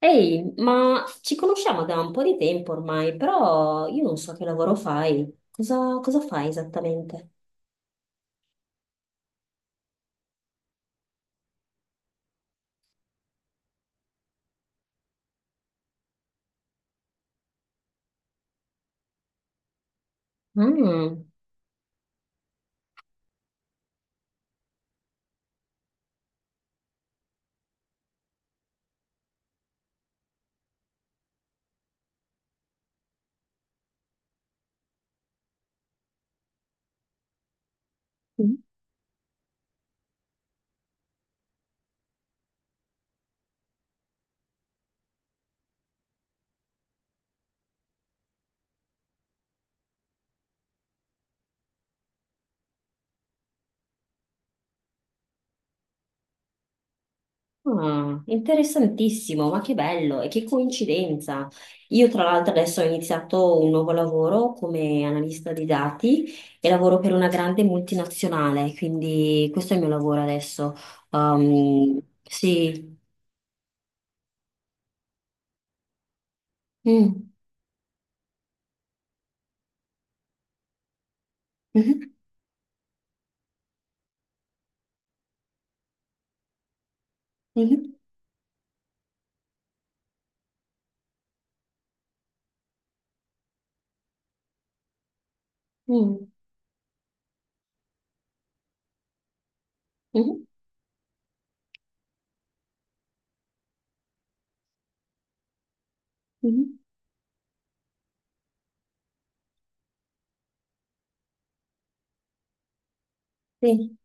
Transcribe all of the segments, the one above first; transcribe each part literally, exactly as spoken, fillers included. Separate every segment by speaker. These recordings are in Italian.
Speaker 1: Ehi, ma ci conosciamo da un po' di tempo ormai, però io non so che lavoro fai. Cosa, cosa fai esattamente? Mm. Ah, interessantissimo, ma che bello e che coincidenza. Io tra l'altro adesso ho iniziato un nuovo lavoro come analista di dati e lavoro per una grande multinazionale, quindi questo è il mio lavoro adesso. Um, sì. Mm. Mhm. Mhm. Mm. Mhm. Mhm. Sì.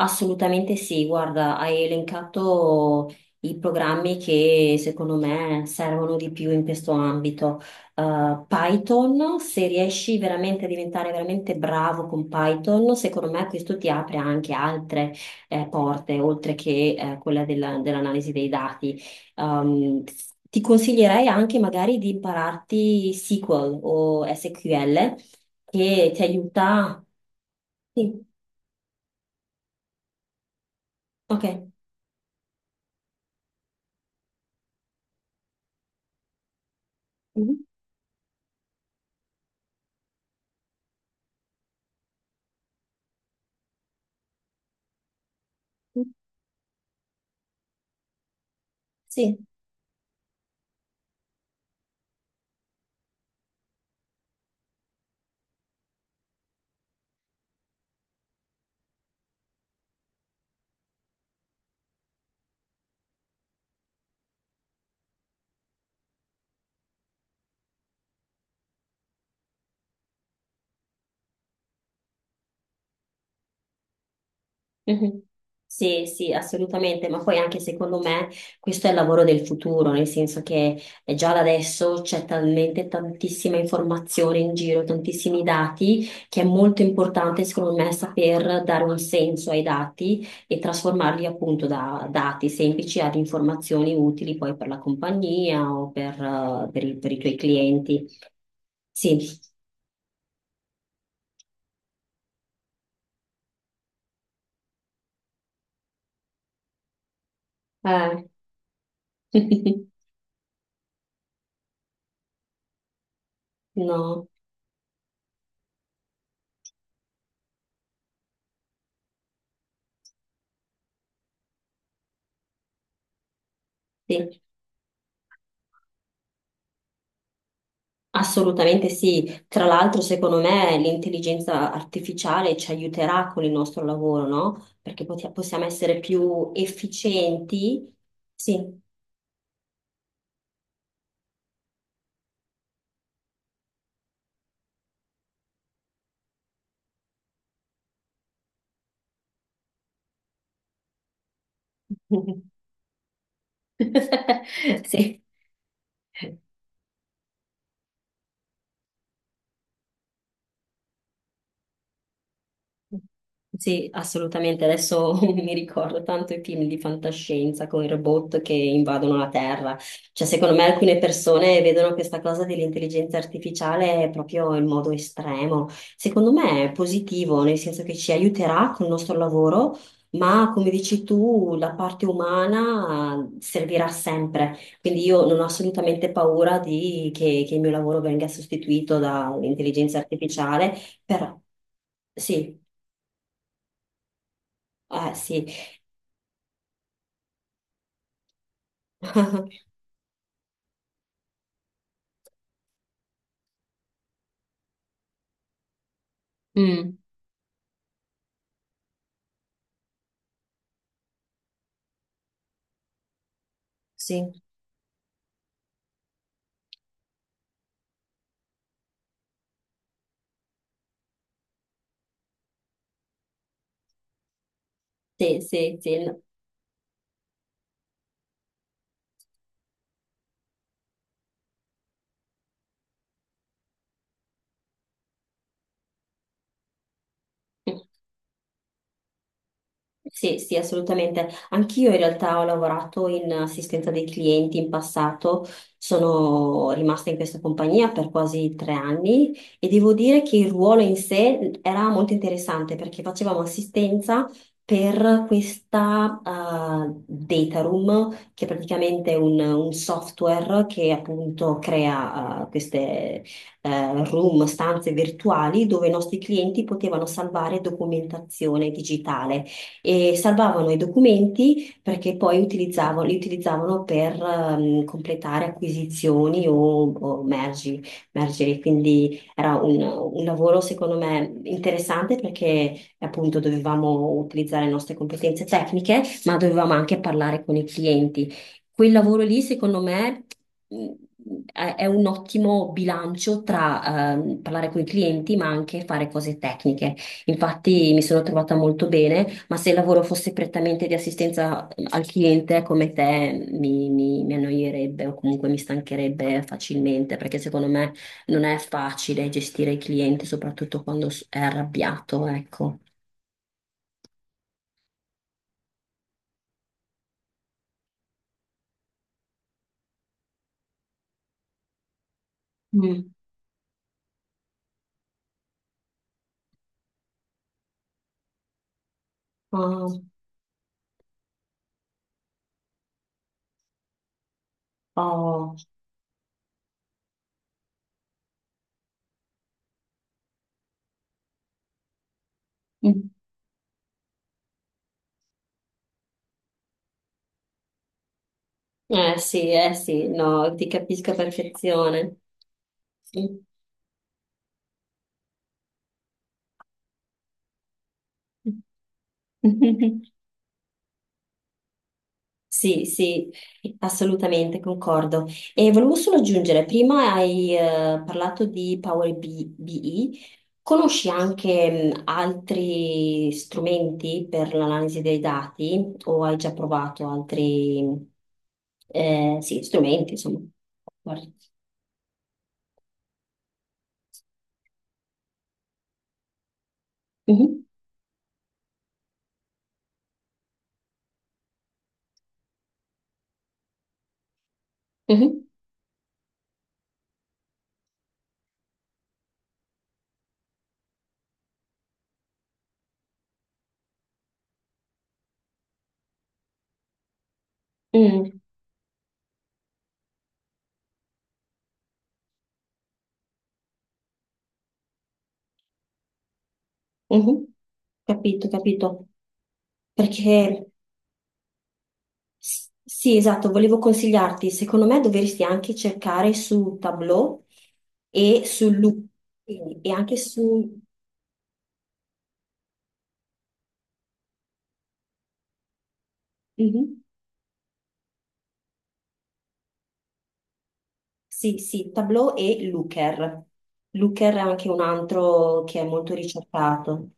Speaker 1: Assolutamente sì, guarda, hai elencato i programmi che secondo me servono di più in questo ambito. Eh, Python, se riesci veramente a diventare veramente bravo con Python, secondo me questo ti apre anche altre eh, porte, oltre che eh, quella della- dell'analisi dei dati. Um, ti consiglierei anche magari di impararti S Q L o S Q L, che ti aiuta. Sì, ok. Mhm. Sì. Mhm. Sì, sì, assolutamente, ma poi anche secondo me questo è il lavoro del futuro, nel senso che eh, già da adesso c'è talmente tantissima informazione in giro, tantissimi dati, che è molto importante secondo me saper dare un senso ai dati e trasformarli appunto da dati semplici ad informazioni utili poi per la compagnia o per, eh, per i per i tuoi clienti. Sì, eh. No, sì. Assolutamente sì, tra l'altro secondo me l'intelligenza artificiale ci aiuterà con il nostro lavoro, no? Perché poti- possiamo essere più efficienti. Sì. Sì. Sì, assolutamente. Adesso mi ricordo tanto i film di fantascienza con i robot che invadono la Terra. Cioè, secondo me alcune persone vedono questa cosa dell'intelligenza artificiale proprio in modo estremo. Secondo me è positivo, nel senso che ci aiuterà col nostro lavoro, ma come dici tu, la parte umana servirà sempre. Quindi io non ho assolutamente paura di- che, che il mio lavoro venga sostituito dall'intelligenza artificiale, però sì. Ah, sì, Mm. sì, sì, sì, sì. Sì, sì, assolutamente. Anch'io in realtà ho lavorato in assistenza dei clienti in passato, sono rimasta in questa compagnia per quasi tre anni e devo dire che il ruolo in sé era molto interessante perché facevamo assistenza per questa eh, data room, che è praticamente un, un software che appunto crea eh, queste eh, room, stanze virtuali dove i nostri clienti potevano salvare documentazione digitale e salvavano i documenti perché poi utilizzavo- li utilizzavano per ehm, completare acquisizioni o, o mergi, mergeri. Quindi era un, un lavoro secondo me interessante perché appunto dovevamo utilizzare le nostre competenze tecniche, ma dovevamo anche parlare con i clienti. Quel lavoro lì, secondo me, mh, è è un ottimo bilancio tra ehm, parlare con i clienti, ma anche fare cose tecniche. Infatti mi sono trovata molto bene, ma se il lavoro fosse prettamente di assistenza mhmm, al cliente come te, mi, mi- mi annoierebbe o comunque mi stancherebbe facilmente, perché secondo me non è facile gestire il cliente, soprattutto quando s- è arrabbiato, ecco. Mm. Oh, oh. Mm. Eh sì, eh sì, no, ti capisco a perfezione. Sì. Sì, sì, assolutamente, concordo. E volevo solo aggiungere, prima hai eh, parlato di Power B- BI, conosci anche mh, altri strumenti per l'analisi dei dati o hai già provato altri mm, eh, sì, strumenti, insomma? Guarda. Mhm, mhm, mm, mhm. Capito, capito. Perché... S- Sì, esatto, volevo consigliarti, secondo me dovresti anche cercare su Tableau e su Look e anche su Mhm. Sì, sì, Tableau e Looker. Looker è anche un altro che è molto ricercato.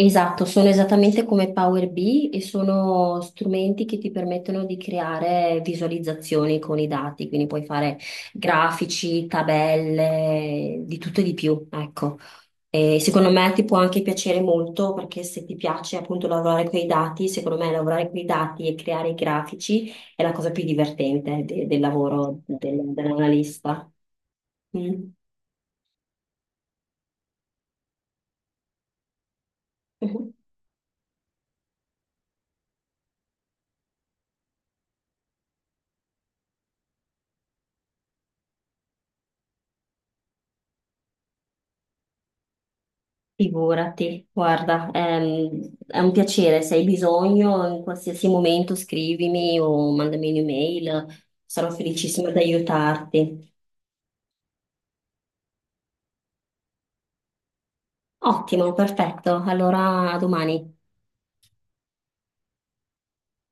Speaker 1: Esatto, sono esattamente come Power B I e sono strumenti che ti permettono di creare visualizzazioni con i dati, quindi puoi fare grafici, tabelle, di tutto e di più, ecco. E secondo me ti può anche piacere molto perché se ti piace appunto lavorare con i dati, secondo me lavorare con i dati e creare i grafici è la cosa più divertente de- del lavoro del- dell'analista. Mm. Figurati, guarda, ehm, è un piacere, se hai bisogno in qualsiasi momento scrivimi o mandami un'email, sarò felicissima di aiutarti. Ottimo, perfetto, allora a domani.